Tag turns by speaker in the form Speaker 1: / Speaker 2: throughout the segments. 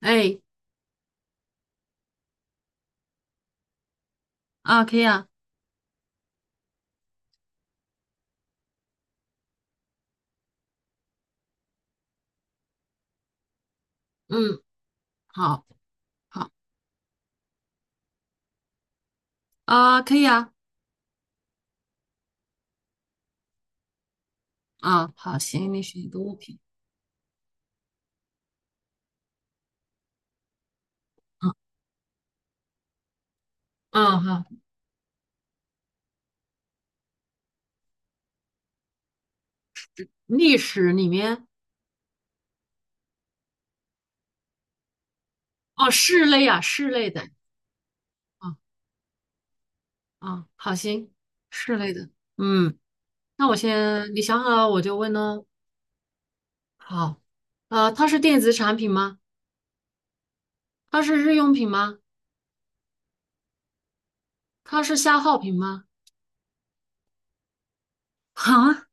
Speaker 1: 哎，啊，可以啊。嗯。好。好。啊，可以啊。啊，好，行，你选一个物品。嗯。嗯。好。历史里面。哦，室内啊，室内的。啊啊，好，行。室内的。嗯。那我先，你想好了我就问喽。好。它是电子产品吗？它是日用品吗？它是消耗品吗？啊，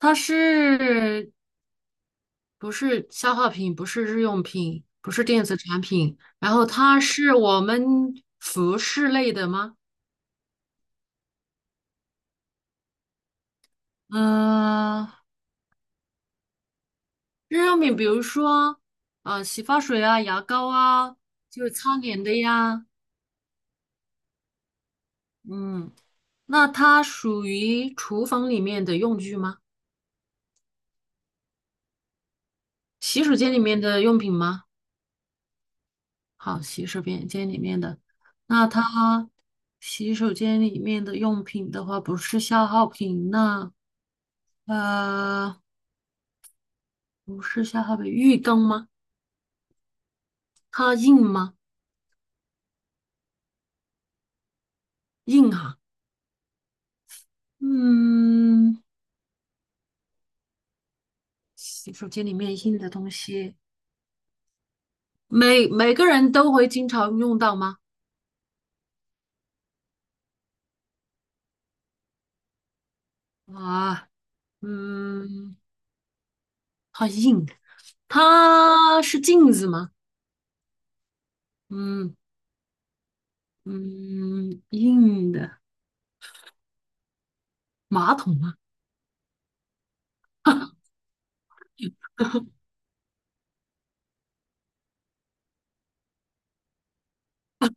Speaker 1: 它是不是消耗品，不是日用品，不是电子产品，然后它是我们服饰类的吗？嗯、日用品，比如说洗发水啊、牙膏啊，就是擦脸的呀。嗯，那它属于厨房里面的用具吗？洗手间里面的用品吗？好，洗手间间里面的。那它洗手间里面的用品的话，不是消耗品，那呃。不是下河北玉庚吗？它硬吗？硬啊。嗯，洗手间里面硬的东西，每个人都会经常用到吗？啊。嗯，它硬，它是镜子吗？嗯嗯，硬的马桶吗？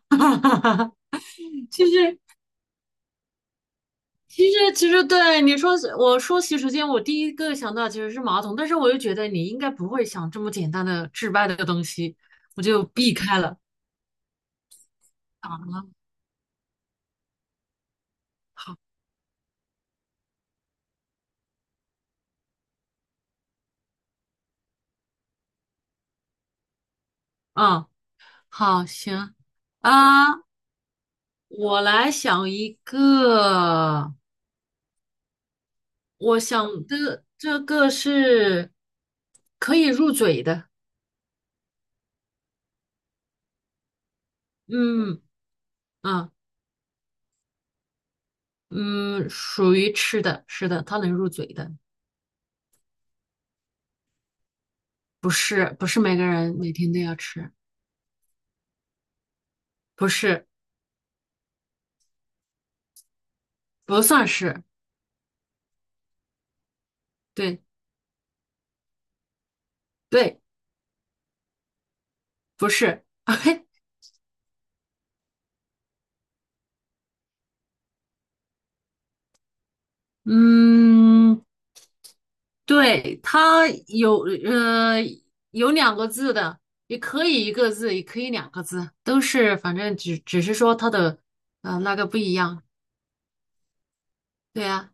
Speaker 1: 哈哈哈哈哈，就是其实，其实对你说，我说洗手间，我第一个想到其实是马桶，但是我又觉得你应该不会想这么简单的治外的东西，我就避开了。了。好。嗯，好，行。啊，我来想一个，我想的这个是可以入嘴的。嗯。啊。嗯，属于吃的，是的，它能入嘴的。不是，不是每个人每天都要吃。不是。不算是。对对，不是。嗯，对，它有有两个字的，也可以一个字，也可以两个字，都是反正只是说它的那个不一样。对呀、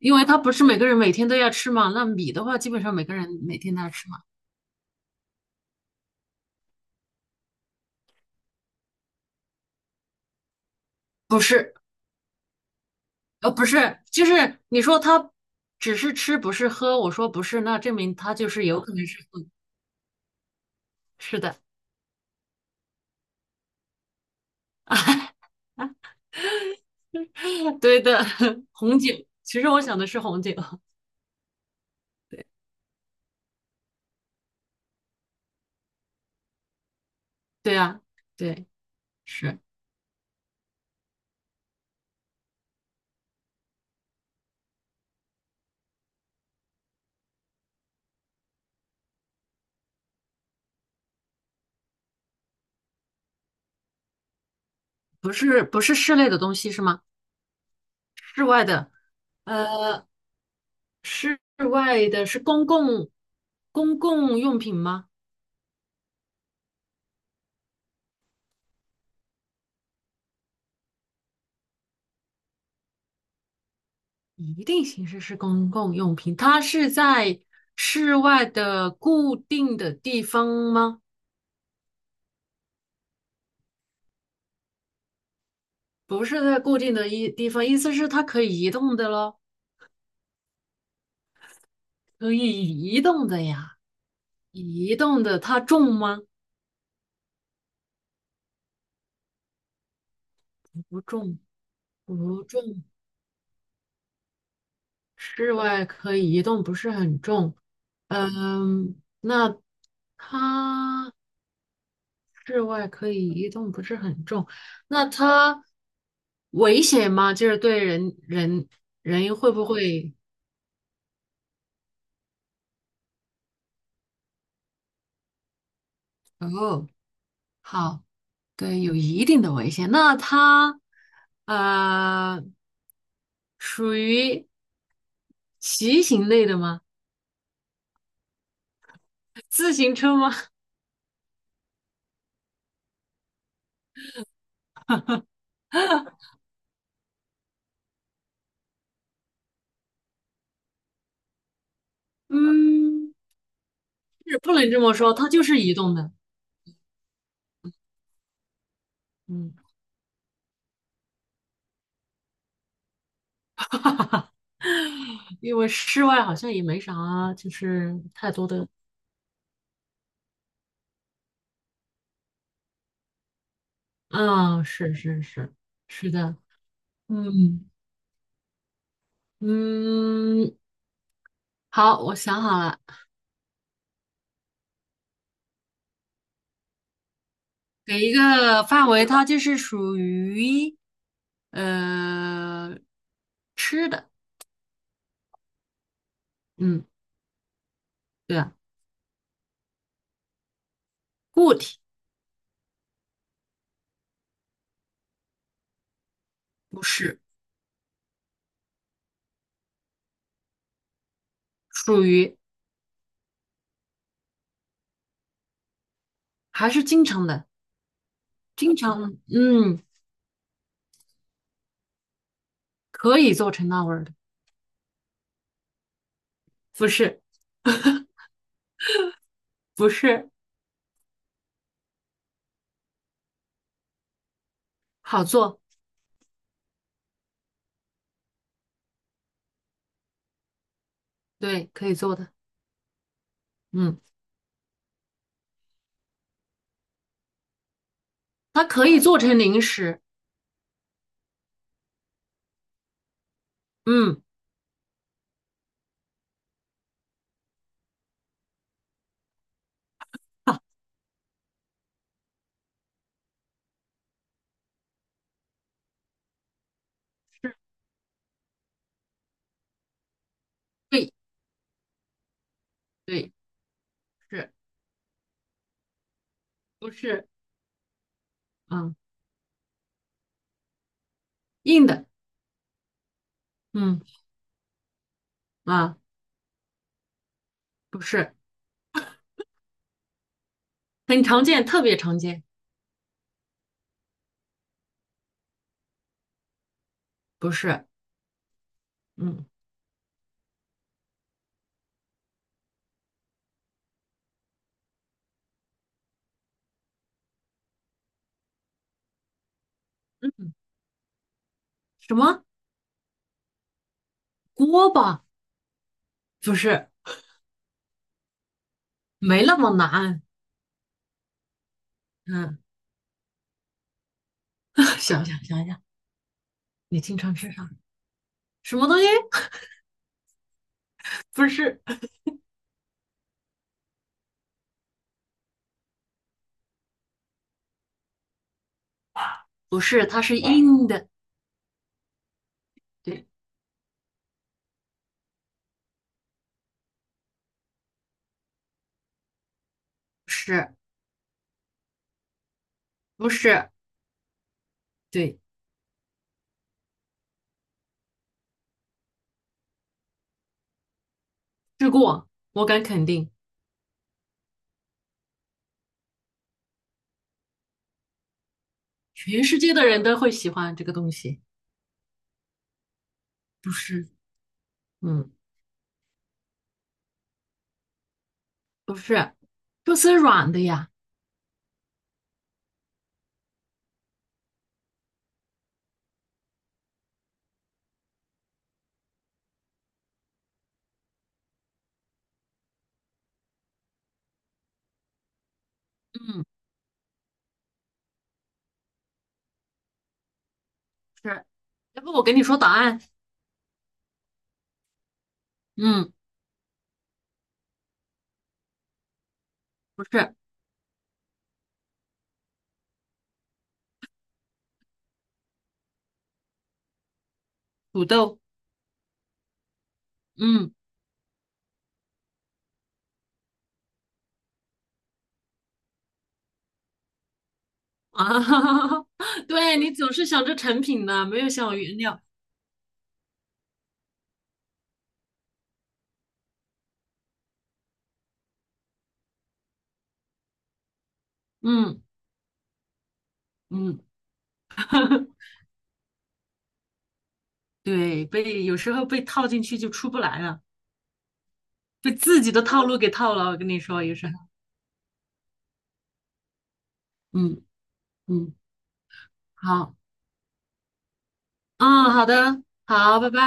Speaker 1: 因为它不是每个人每天都要吃嘛，那米的话基本上每个人每天都要吃嘛。不是。不是，就是你说他只是吃不是喝，我说不是，那证明他就是有可能是喝。是的。对的。红酒，其实我想的是红酒。对呀。对。是不是不是室内的东西是吗？室外的。呃，室外的是公共用品吗？一定形式是公共用品，它是在室外的固定的地方吗？不是在固定的一地方，意思是它可以移动的咯。可以移动的呀。移动的它重吗？不重，不重。室外可以移动，不是很重。嗯，那它室外可以移动，不是很重。那它危险吗？就是对人会不会？哦。好。对，有一定的危险。那它呃，属于骑行类的吗？自行车吗？嗯，是不能这么说，它就是移动的。嗯。因为室外好像也没啥，就是太多的。啊，是是是。是的。嗯嗯。好，我想好了。给一个范围，它就是属于呃吃的。嗯。对啊。固体。不是，属于还是经常的，经常。嗯，可以做成那味儿的。不是。不是。好做。对，可以做的。嗯，它可以做成零食。嗯。是。对对。是不是？嗯，硬的。嗯啊，不是。很常见，特别常见。不是。嗯嗯。什么锅巴？不是，没那么难。嗯 想想想想，你经常吃啥？什么东西 不是。不是，它是硬的。对。是不是？对，吃过，我敢肯定，全世界的人都会喜欢这个东西。不是。嗯。不是，就是软的呀。嗯。是。要不我给你说答案？嗯。不是。土豆。嗯啊，对你总是想着成品呢，没有想原料。嗯嗯，对，被有时候被套进去就出不来了，被自己的套路给套了。我跟你说，有时候。嗯嗯。好。嗯，好的，好，拜拜。